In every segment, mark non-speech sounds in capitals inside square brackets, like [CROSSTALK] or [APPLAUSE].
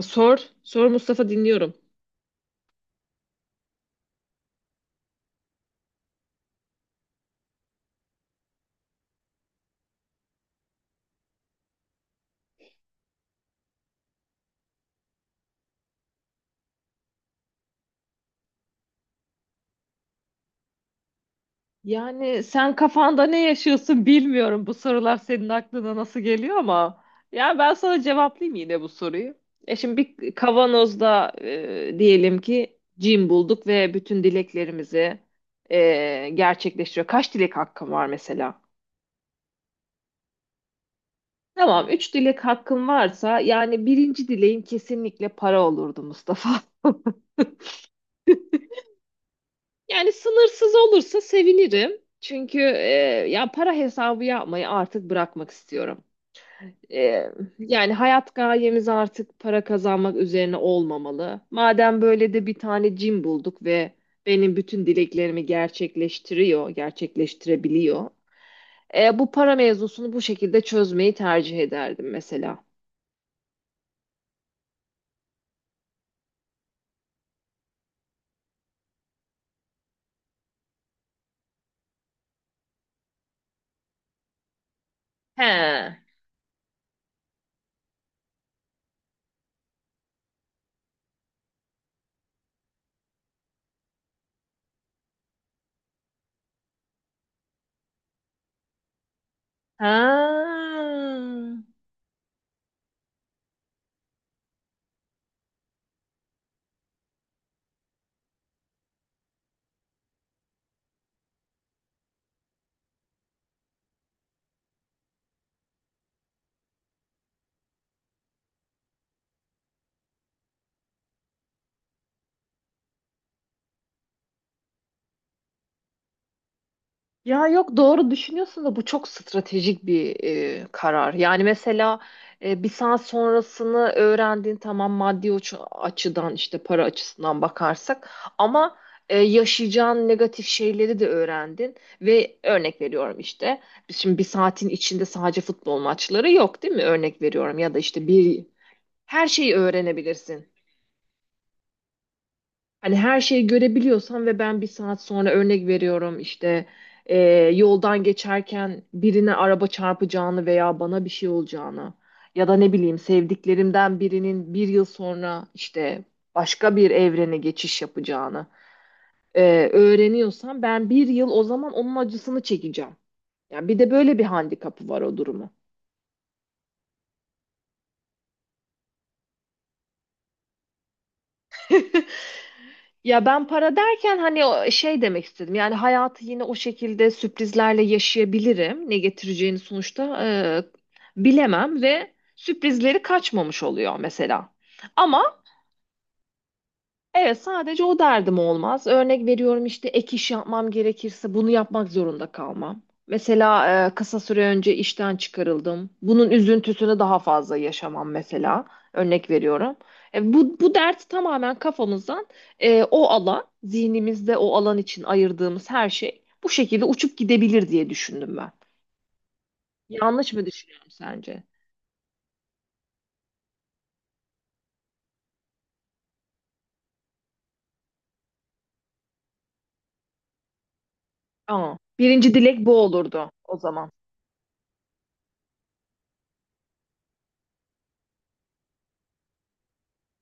Sor, sor Mustafa dinliyorum. Yani sen kafanda ne yaşıyorsun bilmiyorum. Bu sorular senin aklına nasıl geliyor ama yani ben sana cevaplayayım yine bu soruyu. E şimdi bir kavanozda diyelim ki cin bulduk ve bütün dileklerimizi gerçekleştiriyor. Kaç dilek hakkım var mesela? Tamam, üç dilek hakkım varsa yani birinci dileğim kesinlikle para olurdu Mustafa. [LAUGHS] Yani sınırsız olursa sevinirim. Çünkü ya para hesabı yapmayı artık bırakmak istiyorum. E, yani hayat gayemiz artık para kazanmak üzerine olmamalı. Madem böyle de bir tane cin bulduk ve benim bütün dileklerimi gerçekleştiriyor, gerçekleştirebiliyor. Bu para mevzusunu bu şekilde çözmeyi tercih ederdim mesela. He. Ha. Ya yok doğru düşünüyorsun da bu çok stratejik bir karar. Yani mesela bir saat sonrasını öğrendiğin tamam maddi açıdan işte para açısından bakarsak ama yaşayacağın negatif şeyleri de öğrendin ve örnek veriyorum işte biz şimdi bir saatin içinde sadece futbol maçları yok değil mi? Örnek veriyorum ya da işte bir her şeyi öğrenebilirsin. Hani her şeyi görebiliyorsam ve ben bir saat sonra örnek veriyorum işte e, yoldan geçerken birine araba çarpacağını veya bana bir şey olacağını ya da ne bileyim sevdiklerimden birinin bir yıl sonra işte başka bir evrene geçiş yapacağını öğreniyorsam ben bir yıl o zaman onun acısını çekeceğim. Yani bir de böyle bir handikapı var o durumu. [LAUGHS] Ya ben para derken hani o şey demek istedim. Yani hayatı yine o şekilde sürprizlerle yaşayabilirim. Ne getireceğini sonuçta bilemem ve sürprizleri kaçmamış oluyor mesela. Ama evet, sadece o derdim olmaz. Örnek veriyorum işte ek iş yapmam gerekirse bunu yapmak zorunda kalmam. Mesela kısa süre önce işten çıkarıldım. Bunun üzüntüsünü daha fazla yaşamam mesela. Örnek veriyorum. Bu dert tamamen kafamızdan o alan, zihnimizde o alan için ayırdığımız her şey bu şekilde uçup gidebilir diye düşündüm ben. Yanlış mı düşünüyorum sence? Aa, birinci dilek bu olurdu o zaman.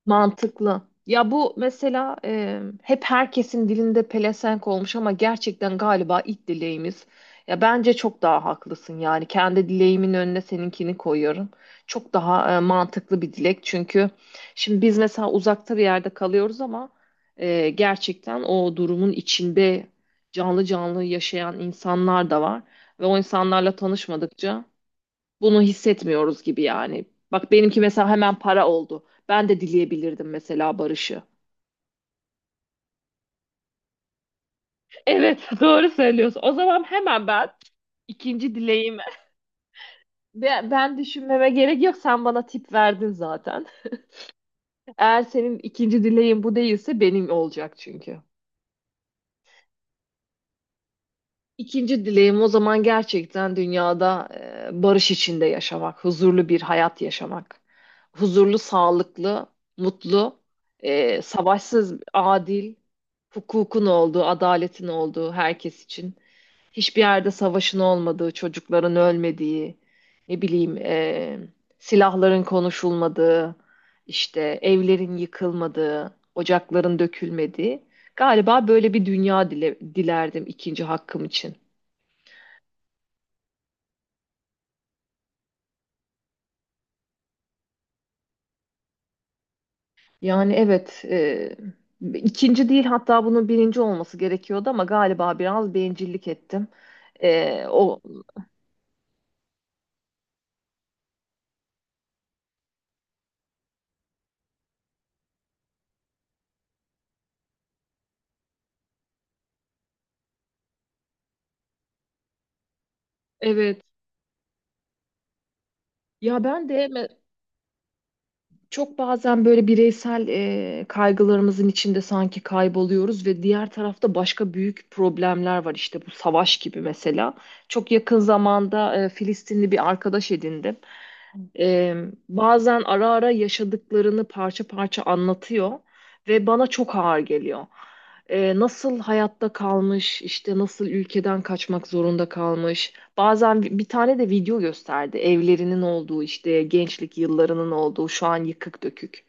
Mantıklı. Ya bu mesela hep herkesin dilinde pelesenk olmuş ama gerçekten galiba ilk dileğimiz. Ya bence çok daha haklısın, yani kendi dileğimin önüne seninkini koyuyorum. Çok daha mantıklı bir dilek çünkü şimdi biz mesela uzakta bir yerde kalıyoruz ama gerçekten o durumun içinde canlı canlı yaşayan insanlar da var ve o insanlarla tanışmadıkça bunu hissetmiyoruz gibi yani. Bak benimki mesela hemen para oldu. Ben de dileyebilirdim mesela barışı. Evet, [LAUGHS] doğru söylüyorsun. O zaman hemen ben ikinci dileğimi. Ben düşünmeme gerek yok. Sen bana tip verdin zaten. Eğer senin ikinci dileğin bu değilse benim olacak çünkü. İkinci dileğim o zaman gerçekten dünyada barış içinde yaşamak, huzurlu bir hayat yaşamak. Huzurlu, sağlıklı, mutlu, savaşsız, adil, hukukun olduğu, adaletin olduğu herkes için. Hiçbir yerde savaşın olmadığı, çocukların ölmediği, ne bileyim, silahların konuşulmadığı, işte evlerin yıkılmadığı, ocakların dökülmediği. Galiba böyle bir dünya dilerdim ikinci hakkım için. Yani evet, ikinci değil, hatta bunun birinci olması gerekiyordu ama galiba biraz bencillik ettim. E, o evet. Ya ben de çok bazen böyle bireysel kaygılarımızın içinde sanki kayboluyoruz ve diğer tarafta başka büyük problemler var. İşte bu savaş gibi mesela. Çok yakın zamanda Filistinli bir arkadaş edindim. E, bazen ara ara yaşadıklarını parça parça anlatıyor ve bana çok ağır geliyor. Nasıl hayatta kalmış, işte nasıl ülkeden kaçmak zorunda kalmış. Bazen bir tane de video gösterdi. Evlerinin olduğu, işte gençlik yıllarının olduğu şu an yıkık dökük.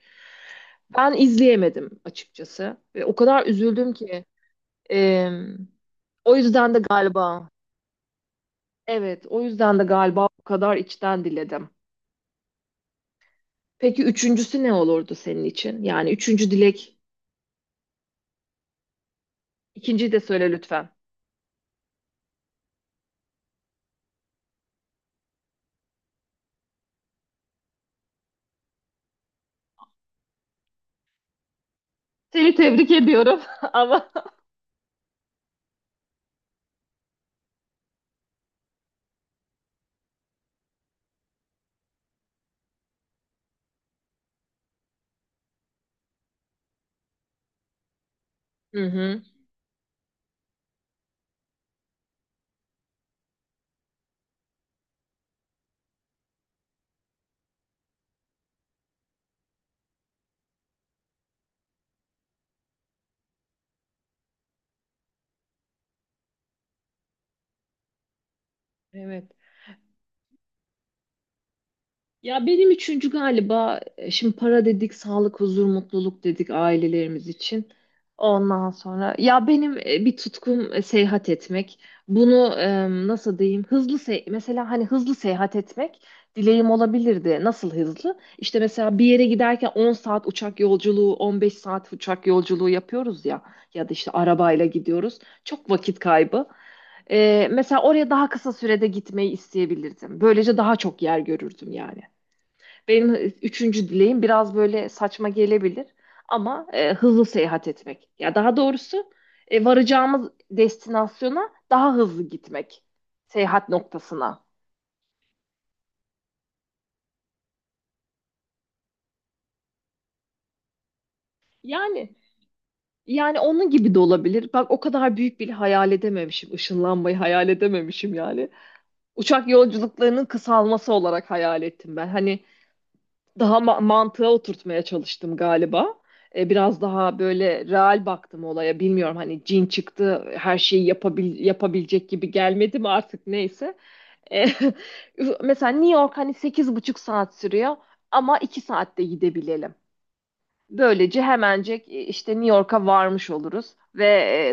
Ben izleyemedim açıkçası. Ve o kadar üzüldüm ki. E, o yüzden de galiba Evet, o yüzden de galiba bu kadar içten diledim. Peki üçüncüsü ne olurdu senin için? Yani üçüncü dilek ikinciyi de söyle lütfen. Seni tebrik ediyorum. [LAUGHS] Ama hı hı. Evet. Ya benim üçüncü galiba, şimdi para dedik, sağlık, huzur, mutluluk dedik ailelerimiz için. Ondan sonra ya benim bir tutkum seyahat etmek. Bunu nasıl diyeyim? Hızlı se mesela hani hızlı seyahat etmek dileğim olabilirdi. Nasıl hızlı? İşte mesela bir yere giderken 10 saat uçak yolculuğu, 15 saat uçak yolculuğu yapıyoruz ya, ya da işte arabayla gidiyoruz. Çok vakit kaybı. Mesela oraya daha kısa sürede gitmeyi isteyebilirdim. Böylece daha çok yer görürdüm yani. Benim üçüncü dileğim biraz böyle saçma gelebilir ama hızlı seyahat etmek. Ya daha doğrusu varacağımız destinasyona daha hızlı gitmek, seyahat noktasına. Yani yani onun gibi de olabilir. Bak o kadar büyük bir hayal edememişim. Işınlanmayı hayal edememişim yani. Uçak yolculuklarının kısalması olarak hayal ettim ben. Hani daha mantığa oturtmaya çalıştım galiba. Biraz daha böyle real baktım olaya. Bilmiyorum hani cin çıktı, her şeyi yapabilecek gibi gelmedi mi artık, neyse. E, [LAUGHS] mesela New York hani sekiz buçuk saat sürüyor ama 2 saatte gidebilelim. Böylece hemencek işte New York'a varmış oluruz ve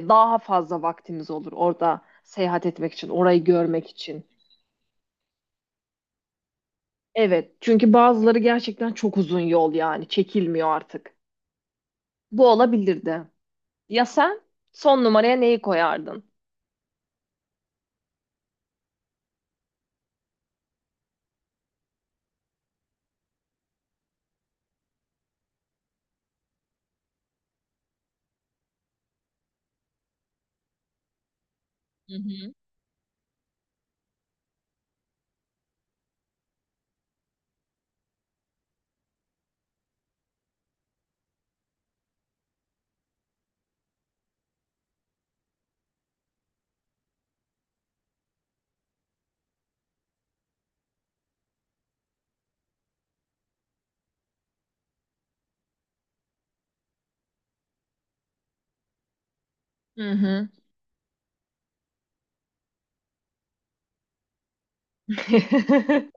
daha fazla vaktimiz olur orada seyahat etmek için, orayı görmek için. Evet, çünkü bazıları gerçekten çok uzun yol, yani çekilmiyor artık. Bu olabilirdi. Ya sen son numaraya neyi koyardın? Hı hı. Hı hı. [LAUGHS]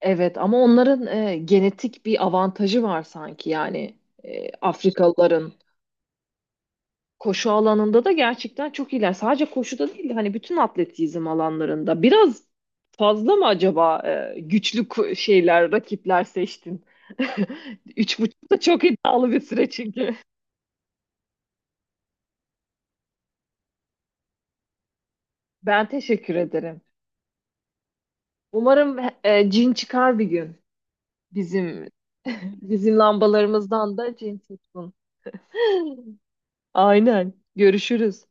Evet ama onların genetik bir avantajı var sanki, yani Afrikalıların koşu alanında da gerçekten çok iyiler. Sadece koşuda değil, hani bütün atletizm alanlarında biraz fazla mı acaba e, güçlü ku- şeyler rakipler seçtin? [LAUGHS] Üç buçuk da çok iddialı bir süre çünkü. Ben teşekkür ederim. Umarım cin çıkar bir gün bizim, bizim lambalarımızdan da cin tutsun. [LAUGHS] Aynen. Görüşürüz.